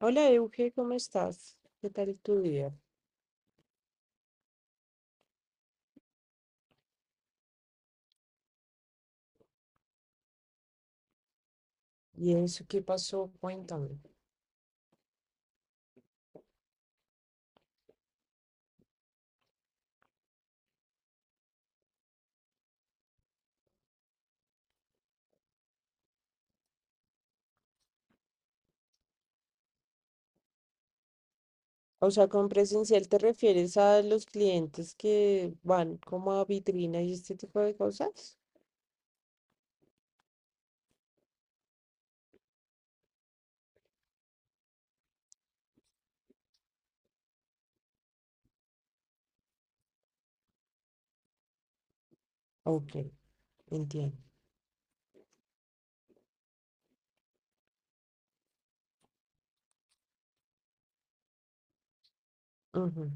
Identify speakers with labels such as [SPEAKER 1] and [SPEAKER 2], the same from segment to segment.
[SPEAKER 1] Hola Euge, ¿cómo estás? ¿Qué tal tu día? ¿Y eso qué pasó? Cuéntame. O sea, con presencial te refieres a los clientes que van como a vitrina y este tipo de cosas. Ok, entiendo. Ujú,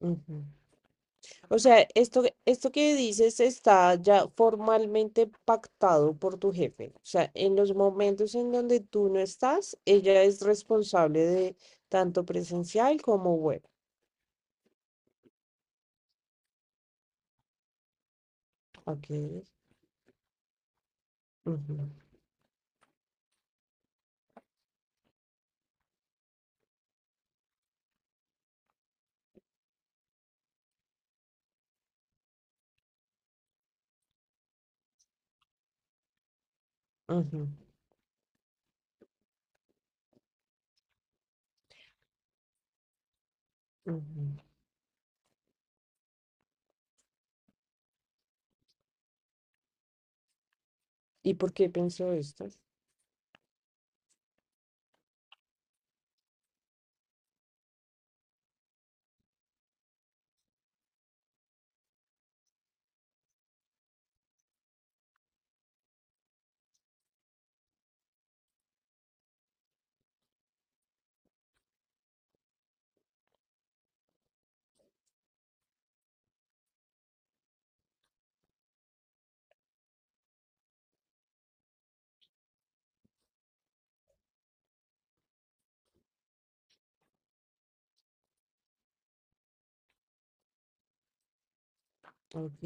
[SPEAKER 1] ujú. O sea, esto que dices está ya formalmente pactado por tu jefe. O sea, en los momentos en donde tú no estás, ella es responsable de tanto presencial como web. Ok. Ujú, ujú, ujú. ¿Y por qué pensó esto? Ok.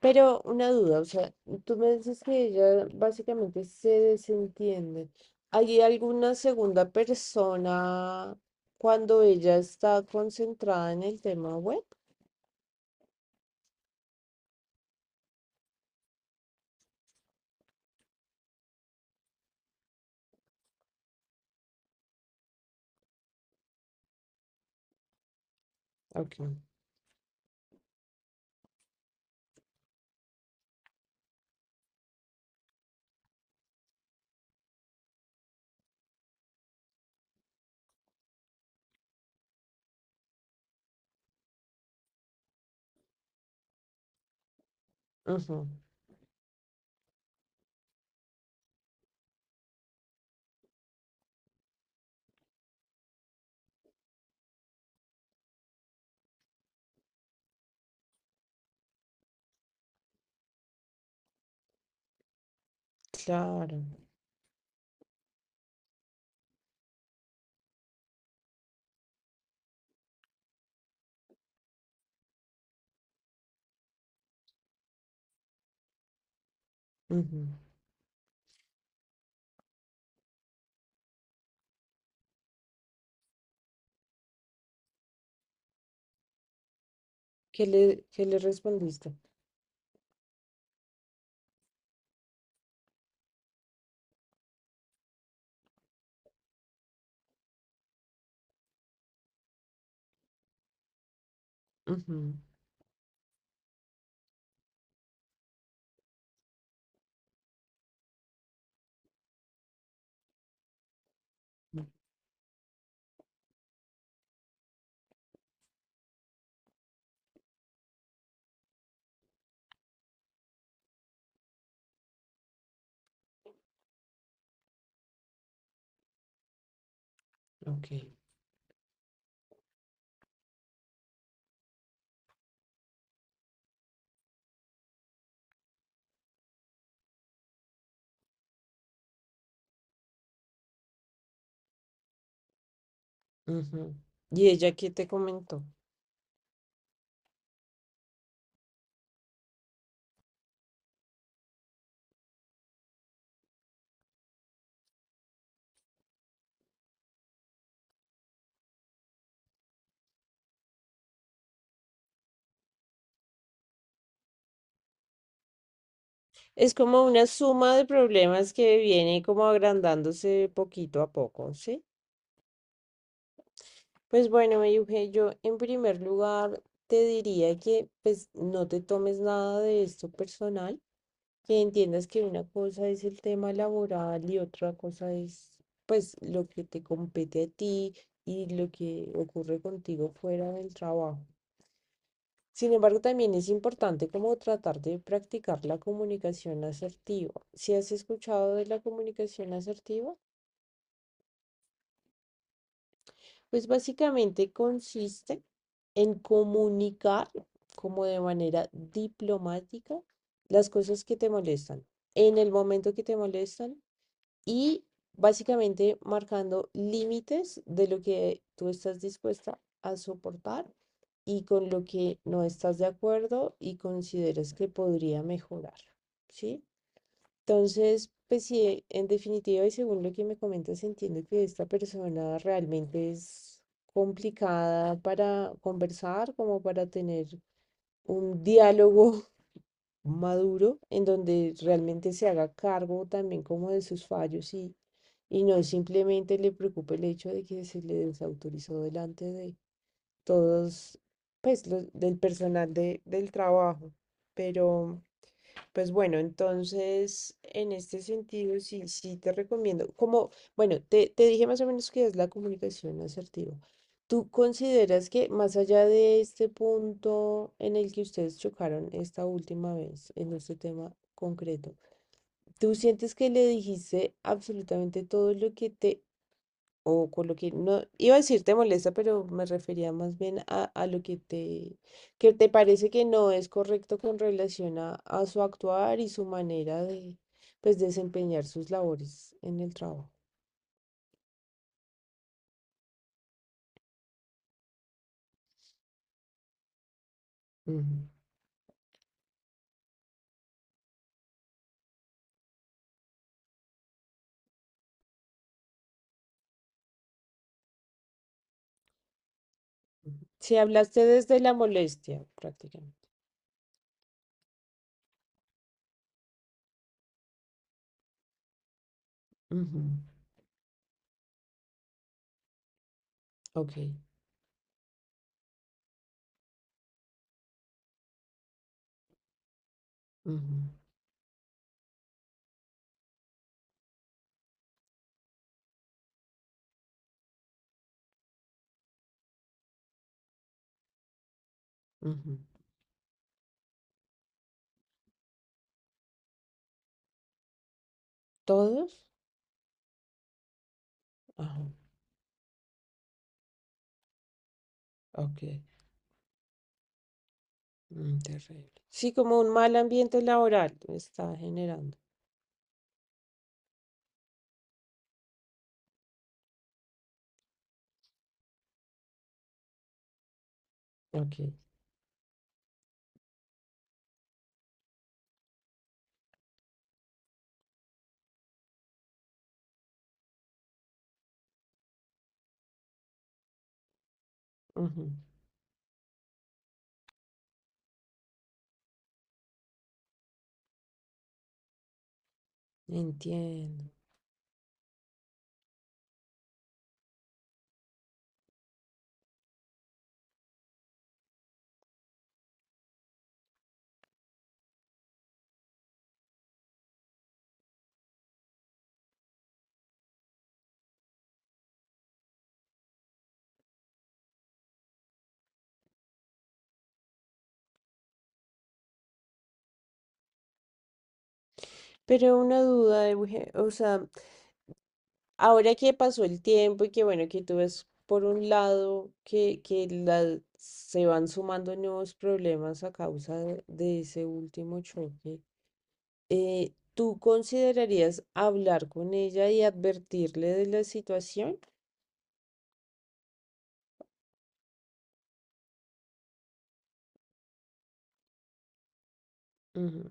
[SPEAKER 1] Pero una duda, o sea, tú me dices que ella básicamente se desentiende. ¿Hay alguna segunda persona cuando ella está concentrada en el tema web? Ok. Ujú. Claro. Ujú. Qué le respondiste? Ujú. Ok. Ujú. ¿Y ella qué te comentó? Es como una suma de problemas que viene como agrandándose poquito a poco, ¿sí? Pues bueno, Euge, yo en primer lugar te diría que pues no te tomes nada de esto personal, que entiendas que una cosa es el tema laboral y otra cosa es pues lo que te compete a ti y lo que ocurre contigo fuera del trabajo. Sin embargo, también es importante como tratar de practicar la comunicación asertiva. ¿Si has escuchado de la comunicación asertiva? Pues básicamente consiste en comunicar como de manera diplomática las cosas que te molestan, en el momento que te molestan y básicamente marcando límites de lo que tú estás dispuesta a soportar y con lo que no estás de acuerdo y consideras que podría mejorar, ¿sí? Entonces, pues sí, en definitiva y según lo que me comentas, entiendo que esta persona realmente es complicada para conversar, como para tener un diálogo maduro en donde realmente se haga cargo también como de sus fallos y no simplemente le preocupe el hecho de que se le desautorizó delante de todos, pues, los, del personal de, del trabajo. Pero... Pues bueno, entonces en este sentido sí, sí te recomiendo. Como, bueno, te dije más o menos que es la comunicación asertiva. ¿Tú consideras que más allá de este punto en el que ustedes chocaron esta última vez, en este tema concreto, tú sientes que le dijiste absolutamente todo lo que te o con lo que no, iba a decir te molesta, pero me refería más bien a lo que te parece que no es correcto con relación a su actuar y su manera de, pues, desempeñar sus labores en el trabajo. Ujú, ujú. Si hablaste desde la molestia, prácticamente. Ujú. Ok. Ujú, ujú. ¿Todos? Ajá, ok. Mm, terrible. Sí, como un mal ambiente laboral está generando. Ok. Ujú. Entiendo. Pero una duda, Euge, o sea, ahora que pasó el tiempo y que bueno, que tú ves por un lado que la- se van sumando nuevos problemas a causa de ese último choque, ¿tú considerarías hablar con ella y advertirle de la situación? Ujú,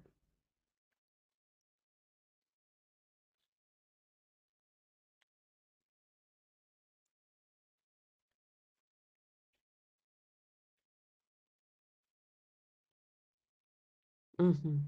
[SPEAKER 1] ujú.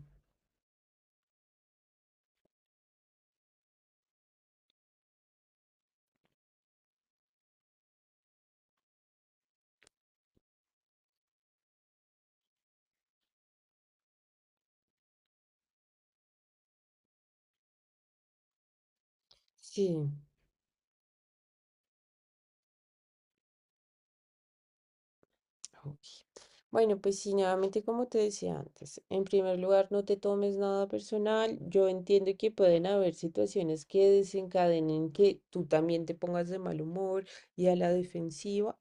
[SPEAKER 1] Sí. Ok. Bueno, pues sí, nuevamente como te decía antes, en primer lugar, no te tomes nada personal. Yo entiendo que pueden haber situaciones que desencadenen que tú también te pongas de mal humor y a la defensiva,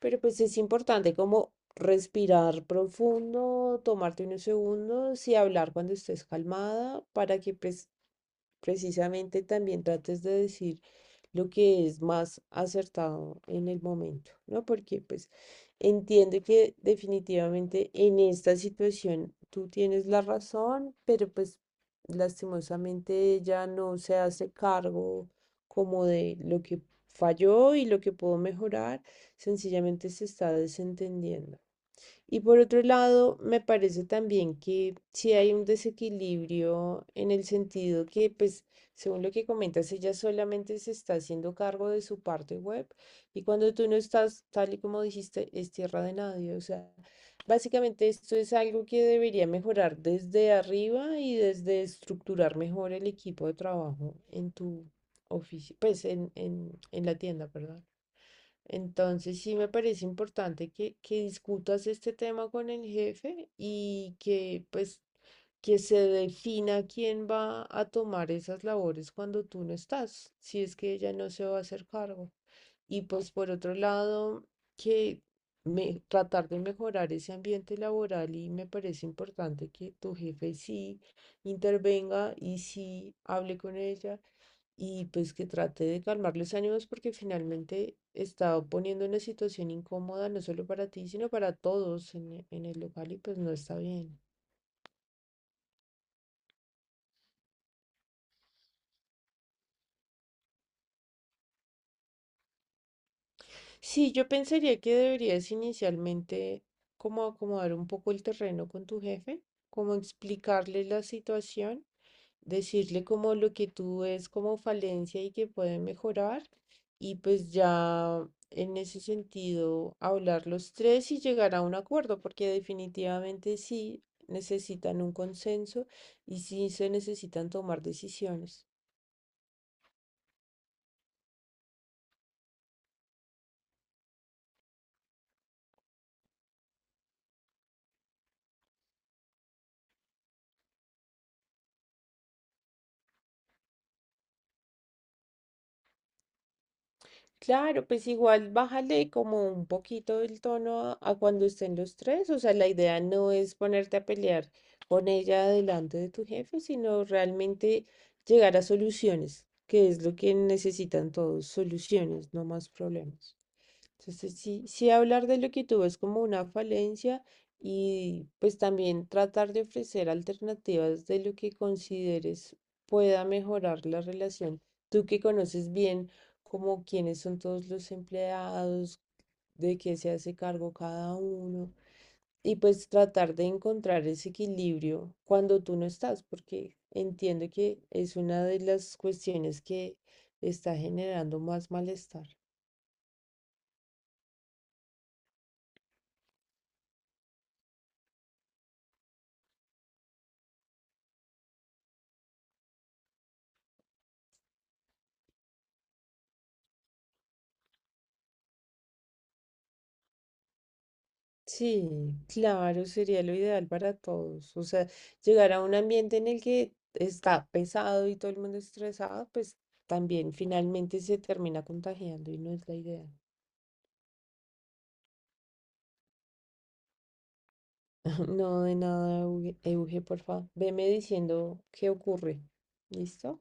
[SPEAKER 1] pero pues es importante como respirar profundo, tomarte unos segundos y hablar cuando estés calmada para que pues precisamente también trates de decir lo que es más acertado en el momento, ¿no? Porque pues entiendo que definitivamente en esta situación tú tienes la razón, pero pues lastimosamente ella no se hace cargo como de lo que falló y lo que pudo mejorar, sencillamente se está desentendiendo. Y por otro lado, me parece también que sí hay un desequilibrio en el sentido que, pues, según lo que comentas, ella solamente se está haciendo cargo de su parte web y cuando tú no estás, tal y como dijiste, es tierra de nadie. O sea, básicamente esto es algo que debería mejorar desde arriba y desde estructurar mejor el equipo de trabajo en tu oficina, pues en la tienda, ¿verdad? Entonces sí me parece importante que discutas este tema con el jefe y que pues que se defina quién va a tomar esas labores cuando tú no estás, si es que ella no se va a hacer cargo. Y pues por otro lado, que me, tratar de mejorar ese ambiente laboral y me parece importante que tu jefe sí intervenga y sí hable con ella y pues que trate de calmar los ánimos porque finalmente está poniendo una situación incómoda no solo para ti, sino para todos en, e- en el local y pues no está bien. Sí, yo pensaría que deberías inicialmente como acomodar un poco el terreno con tu jefe, como explicarle la situación decirle como lo que tú ves como falencia y que puede mejorar y pues ya en ese sentido hablar los tres y llegar a un acuerdo, porque definitivamente sí necesitan un consenso y sí se necesitan tomar decisiones. Claro, pues igual bájale como un poquito el tono a cuando estén los tres. O sea, la idea no es ponerte a pelear con ella delante de tu jefe, sino realmente llegar a soluciones, que es lo que necesitan todos, soluciones, no más problemas. Entonces, sí, sí hablar de lo que tuvo es como una falencia y pues también tratar de ofrecer alternativas de lo que consideres pueda mejorar la relación. Tú que conoces bien como quiénes son todos los empleados, de qué se hace cargo cada uno y pues tratar de encontrar ese equilibrio cuando tú no estás, porque entiendo que es una de las cuestiones que está generando más malestar. Sí, claro, sería lo ideal para todos. O sea, llegar a un ambiente en el que está pesado y todo el mundo estresado, pues también finalmente se termina contagiando y no es la idea. No, de nada, Euge, Euge, por favor. Veme diciendo qué ocurre. ¿Listo?